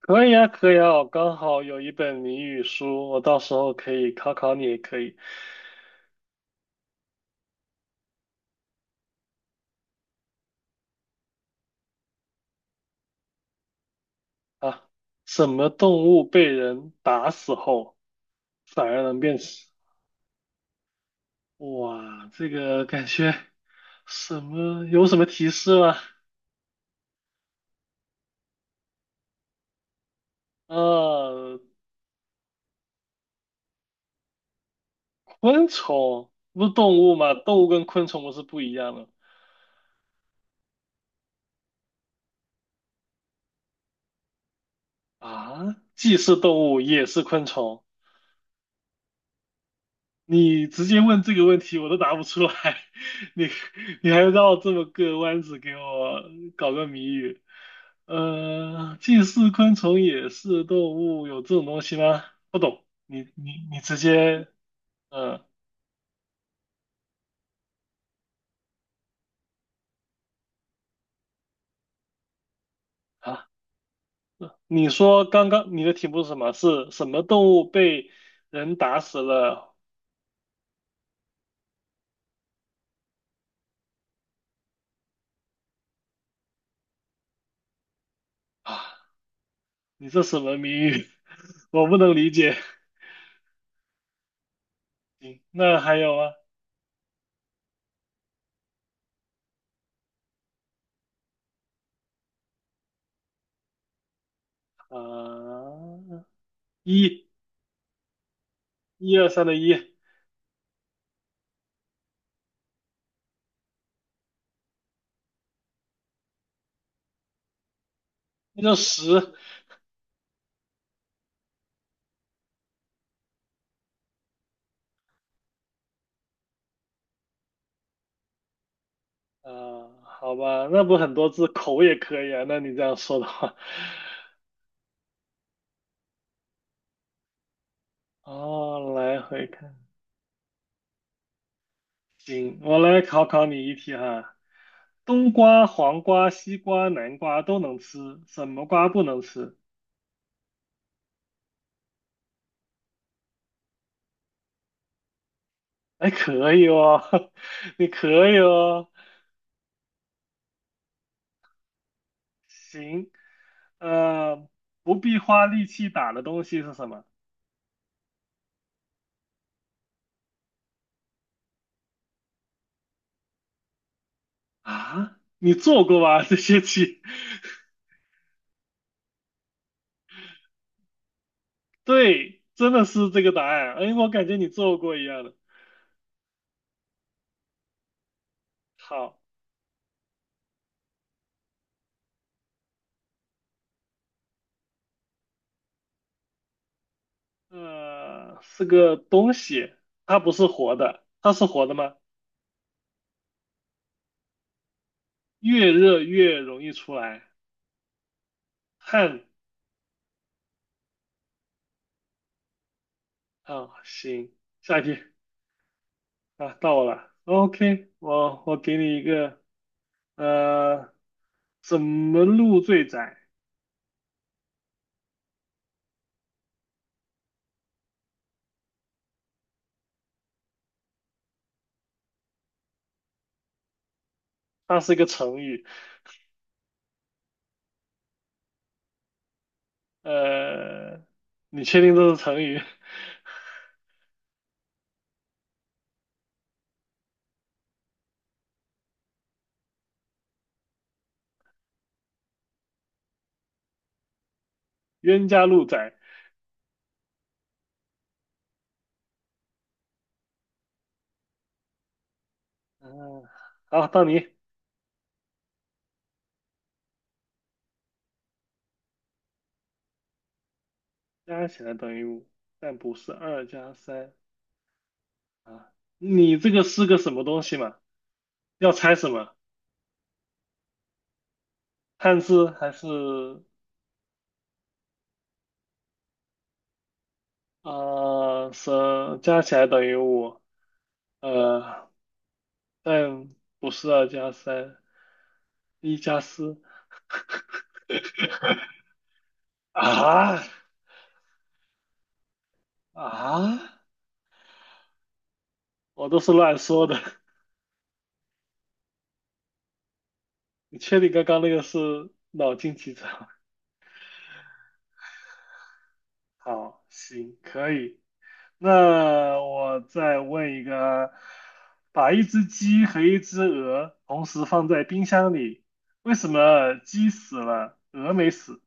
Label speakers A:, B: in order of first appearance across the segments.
A: 可以啊，可以啊，我刚好有一本谜语书，我到时候可以考考你也可以啊。什么动物被人打死后反而能变死？哇，这个感觉什么？有什么提示吗？呃，昆虫不是动物吗？动物跟昆虫不是不一样的啊？既是动物也是昆虫你直接问这个问题，我都答不出来，你你还绕这么个弯子给我搞个谜语？既是昆虫也是动物，有这种东西吗？不懂，你直接，嗯、啊，你说刚刚你的题目是什么？是什么动物被人打死了？啊，你这什么谜语？我不能理解。行，那还有吗？啊，一一二三的一，那就十。啊，好吧，那不很多字口也可以啊。那你这样说的话，哦，来回看，行，我来考考你一题哈。冬瓜、黄瓜、西瓜、南瓜都能吃，什么瓜不能吃？哎，可以哦，你可以哦。行，呃，不必花力气打的东西是什么？啊？你做过吧？这些题，对，真的是这个答案。哎，我感觉你做过一样的。好。呃，是个东西，它不是活的，它是活的吗？越热越容易出来汗。啊，行，下一题。啊，到我了。OK，我给你一个，呃，怎么路最窄？它是一个成语，呃，你确定这是成语？冤家路窄。嗯、好，到你，加起来等于五，但不是二加三啊。你这个是个什么东西嘛？要猜什么？汉字还是呃是加起来等于五，呃，但不是二加三，一加四啊。啊！我都是乱说的，你确定刚刚那个是脑筋急转弯？好，行，可以。那我再问一个，把一只鸡和一只鹅同时放在冰箱里，为什么鸡死了，鹅没死？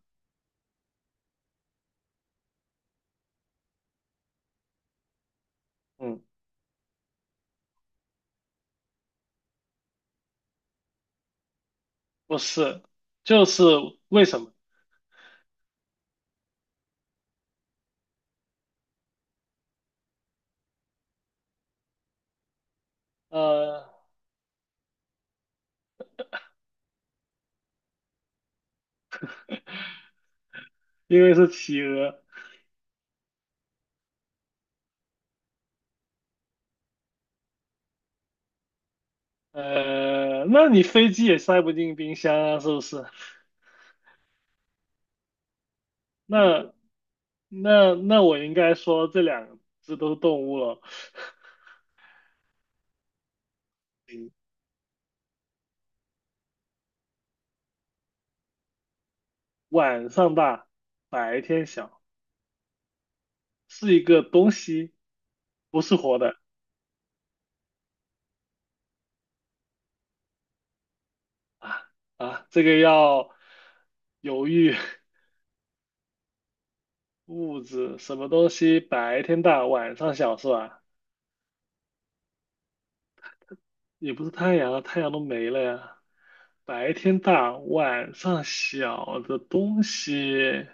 A: 嗯。不是，就是为什么？呃，因为是企鹅。呃，那你飞机也塞不进冰箱啊，是不是？那那我应该说这两只都是动物了。嗯，晚上大，白天小，是一个东西，不是活的啊。这个要犹豫，物质什么东西白天大，晚上小是吧？也不是太阳啊，太阳都没了呀。白天大，晚上小的东西，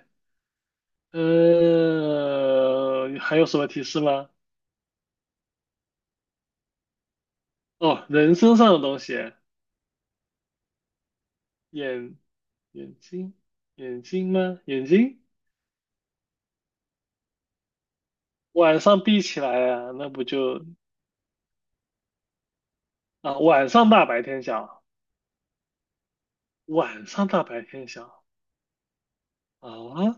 A: 还有什么提示吗？哦，人身上的东西，眼眼睛，眼睛吗？眼睛，晚上闭起来呀、那不就啊？晚上大，白天小，晚上大，白天小啊？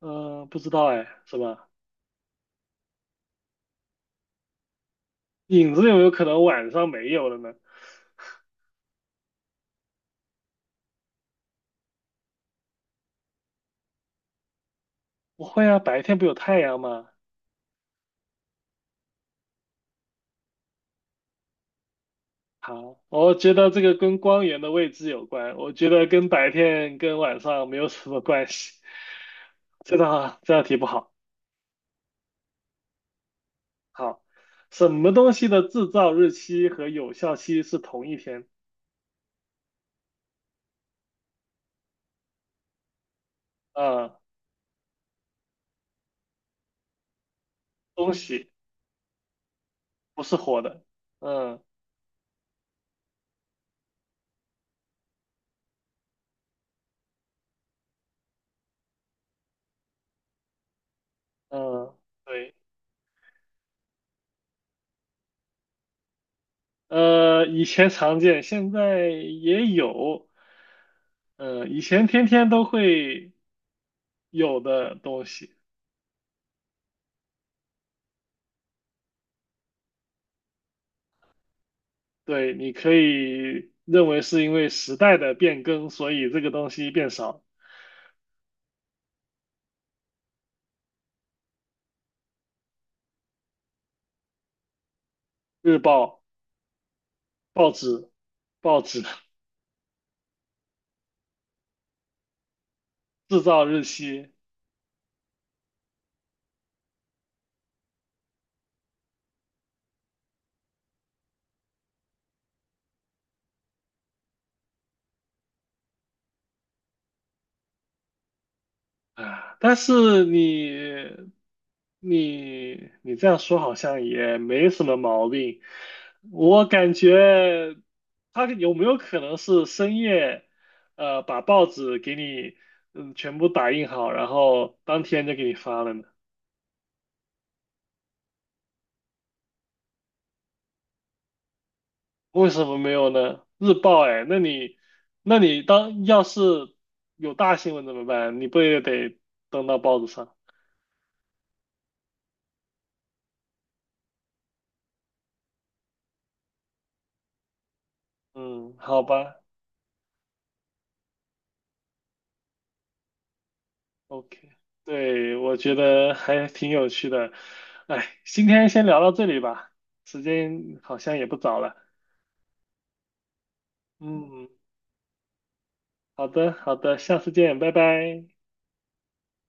A: 嗯，不知道哎，什么？影子有没有可能晚上没有了呢？不会啊，白天不有太阳吗？好，我觉得这个跟光源的位置有关，我觉得跟白天跟晚上没有什么关系。这道题不好。好，什么东西的制造日期和有效期是同一天？啊，东西不是活的。嗯，嗯，对，呃，以前常见，现在也有。嗯，以前天天都会有的东西。对，你可以认为是因为时代的变更，所以这个东西变少。日报、报纸、报纸 制造日期啊，但是你这样说好像也没什么毛病。我感觉他有没有可能是深夜，把报纸给你嗯全部打印好，然后当天就给你发了呢？为什么没有呢？日报哎，那你那你当要是有大新闻怎么办？你不也得登到报纸上？嗯，好吧，OK，对，我觉得还挺有趣的。哎，今天先聊到这里吧，时间好像也不早了。嗯，好的，好的，下次见，拜拜。